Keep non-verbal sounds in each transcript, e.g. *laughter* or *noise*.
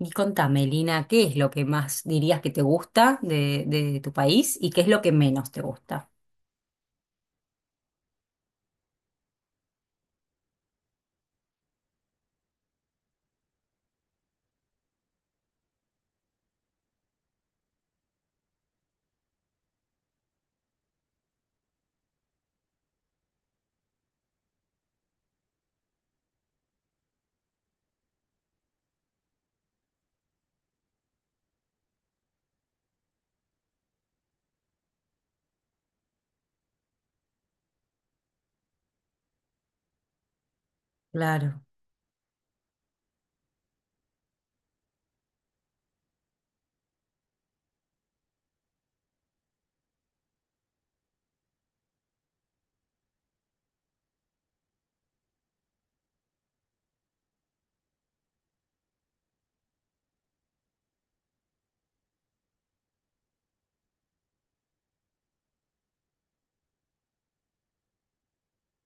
Y contame, Lina, ¿qué es lo que más dirías que te gusta de tu país y qué es lo que menos te gusta? Claro,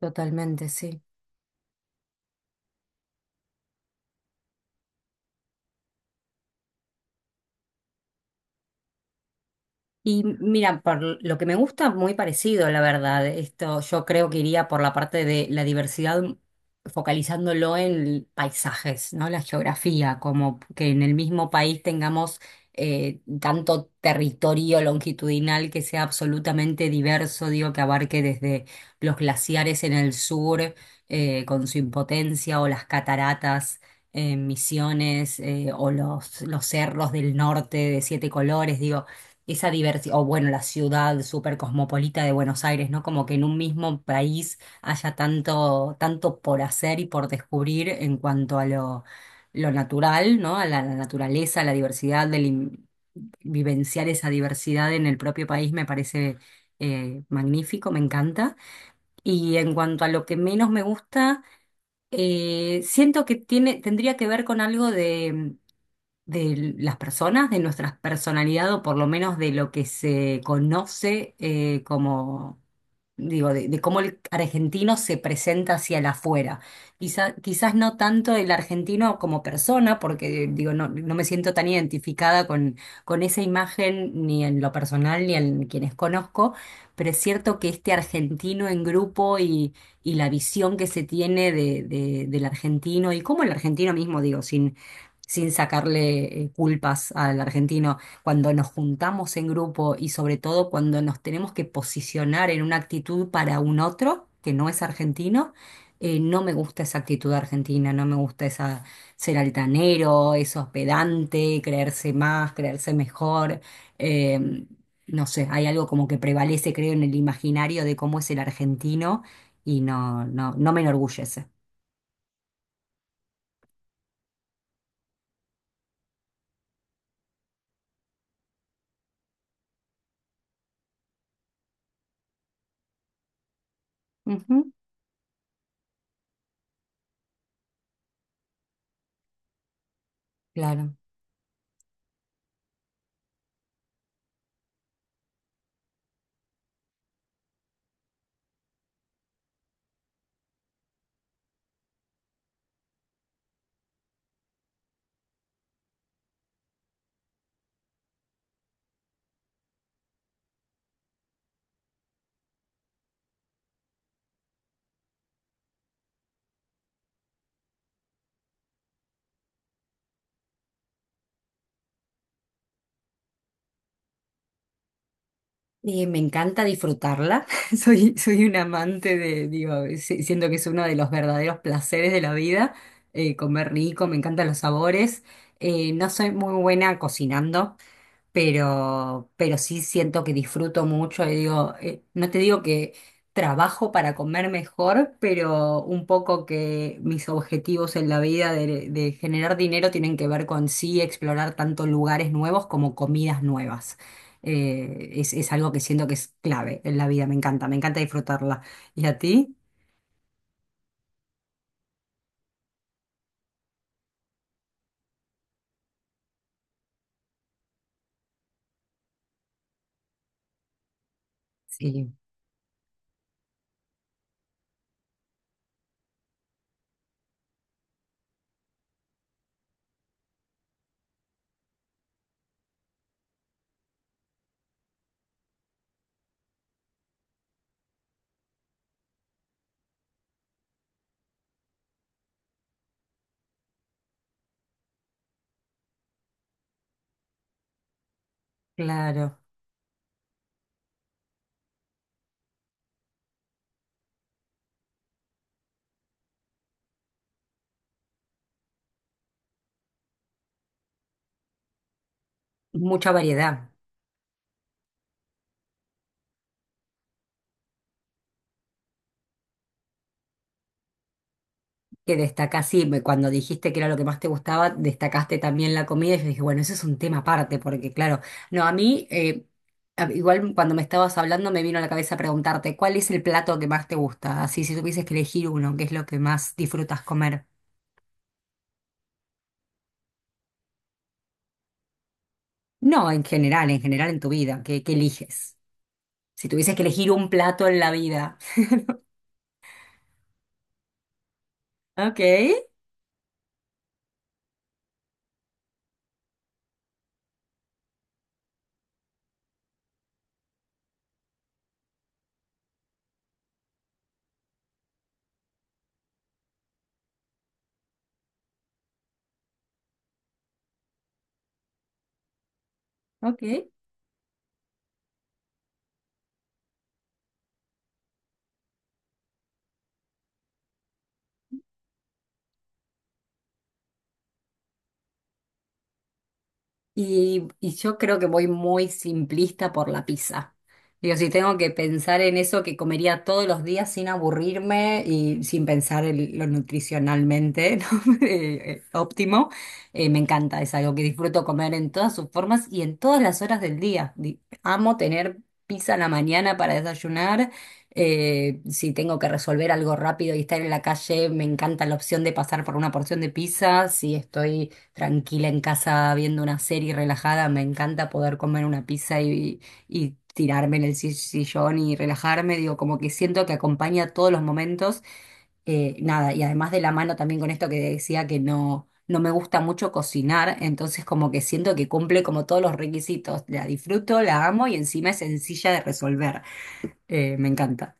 totalmente, sí. Y mira, por lo que me gusta, muy parecido, la verdad. Esto yo creo que iría por la parte de la diversidad, focalizándolo en paisajes, ¿no? La geografía, como que en el mismo país tengamos tanto territorio longitudinal que sea absolutamente diverso, digo, que abarque desde los glaciares en el sur, con su impotencia, o las cataratas en Misiones, o los cerros del norte de siete colores. Digo, esa diversidad, o bueno, la ciudad súper cosmopolita de Buenos Aires, ¿no? Como que en un mismo país haya tanto, tanto por hacer y por descubrir en cuanto a lo natural, ¿no? A la naturaleza, a la diversidad, vivenciar esa diversidad en el propio país me parece magnífico, me encanta. Y en cuanto a lo que menos me gusta, siento que tendría que ver con algo de las personas, de nuestra personalidad, o por lo menos de lo que se conoce, como digo, de cómo el argentino se presenta hacia el afuera. Quizás no tanto el argentino como persona, porque digo, no me siento tan identificada con esa imagen, ni en lo personal, ni en quienes conozco, pero es cierto que este argentino en grupo y la visión que se tiene del argentino, y cómo el argentino mismo, digo, sin... sin sacarle culpas al argentino cuando nos juntamos en grupo, y sobre todo cuando nos tenemos que posicionar en una actitud para un otro que no es argentino, no me gusta esa actitud argentina, no me gusta esa, ser altanero, eso pedante, creerse más, creerse mejor. eh, no sé, hay algo como que prevalece, creo, en el imaginario de cómo es el argentino, y no me enorgullece. Ujú, claro. Me encanta disfrutarla. *laughs* Soy un amante de, digo, siento que es uno de los verdaderos placeres de la vida, comer rico, me encantan los sabores. No soy muy buena cocinando, pero sí siento que disfruto mucho, y digo, no te digo que trabajo para comer mejor, pero un poco que mis objetivos en la vida de generar dinero tienen que ver con sí explorar tanto lugares nuevos como comidas nuevas. Es algo que siento que es clave en la vida, me encanta disfrutarla. ¿Y a ti? Sí, claro. Mucha variedad. Que destacás, sí, cuando dijiste que era lo que más te gustaba, destacaste también la comida, y yo dije, bueno, eso es un tema aparte, porque claro, no, a mí, igual cuando me estabas hablando me vino a la cabeza preguntarte, ¿cuál es el plato que más te gusta? Así, si tuvieses que elegir uno, ¿qué es lo que más disfrutas comer? No, en general, en general en tu vida, qué eliges. Si tuvieses que elegir un plato en la vida. *laughs* Ok, ok. Y yo creo que voy muy simplista por la pizza. Digo, si tengo que pensar en eso que comería todos los días sin aburrirme y sin pensar en lo nutricionalmente, *laughs* ¿no? Óptimo, me encanta. Es algo que disfruto comer en todas sus formas y en todas las horas del día. Amo tener pizza en la mañana para desayunar. Si tengo que resolver algo rápido y estar en la calle, me encanta la opción de pasar por una porción de pizza. Si estoy tranquila en casa viendo una serie relajada, me encanta poder comer una pizza, y tirarme en el sillón y relajarme. Digo, como que siento que acompaña todos los momentos, nada, y además, de la mano también con esto que decía que no, no me gusta mucho cocinar. Entonces, como que siento que cumple como todos los requisitos, la disfruto, la amo, y encima es sencilla de resolver. Me encanta,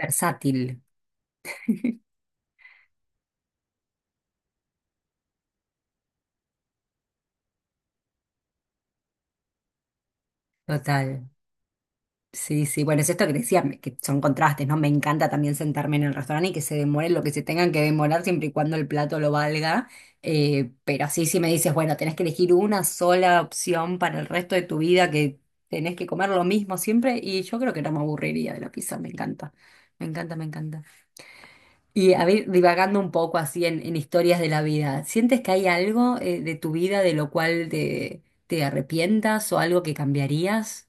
versátil. *laughs* Total. Sí, sí, bueno, es esto que decía, que son contrastes, ¿no? Me encanta también sentarme en el restaurante y que se demoren lo que se tengan que demorar, siempre y cuando el plato lo valga. Pero sí, sí me dices, bueno, tenés que elegir una sola opción para el resto de tu vida, que tenés que comer lo mismo siempre, y yo creo que no me aburriría de la pizza, me encanta, me encanta, me encanta. Y a ver, divagando un poco así en historias de la vida, ¿sientes que hay algo de tu vida de lo cual te arrepientas o algo que cambiarías?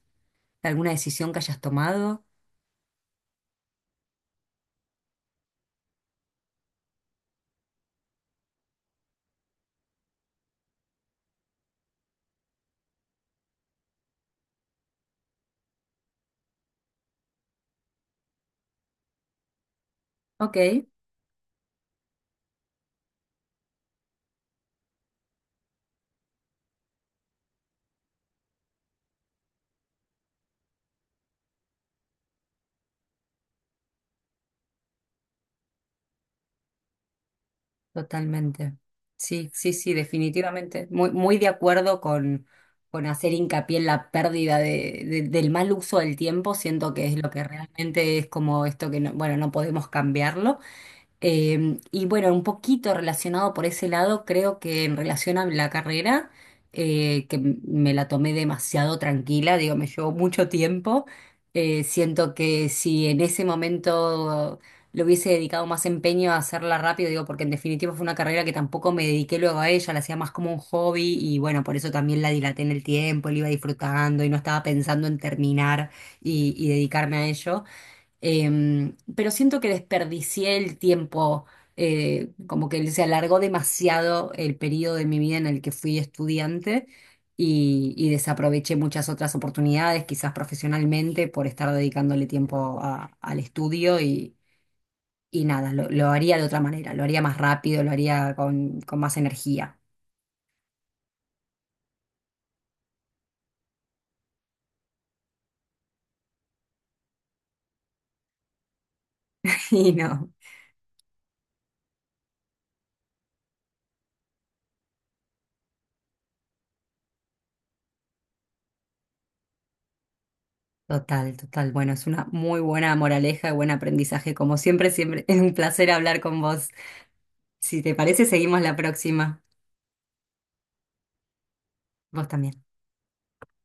¿Alguna decisión que hayas tomado? Ok, totalmente. Sí, sí, sí, definitivamente. Muy, muy de acuerdo con hacer hincapié en la pérdida del mal uso del tiempo. Siento que es lo que realmente es como esto que no, bueno, no podemos cambiarlo. Y bueno, un poquito relacionado por ese lado, creo que en relación a la carrera, me la tomé demasiado tranquila, digo, me llevó mucho tiempo. Siento que si en ese momento le hubiese dedicado más empeño a hacerla rápido, digo, porque en definitiva fue una carrera que tampoco me dediqué luego a ella, la hacía más como un hobby, y bueno, por eso también la dilaté en el tiempo, la iba disfrutando y no estaba pensando en terminar y dedicarme a ello. Pero siento que desperdicié el tiempo, como que se alargó demasiado el periodo de mi vida en el que fui estudiante, y desaproveché muchas otras oportunidades, quizás profesionalmente, por estar dedicándole tiempo al estudio, y nada, lo haría de otra manera, lo haría más rápido, lo haría con más energía. *laughs* Y no, total, total. Bueno, es una muy buena moraleja y buen aprendizaje. Como siempre, siempre *laughs* es un placer hablar con vos. Si te parece, seguimos la próxima. Vos también.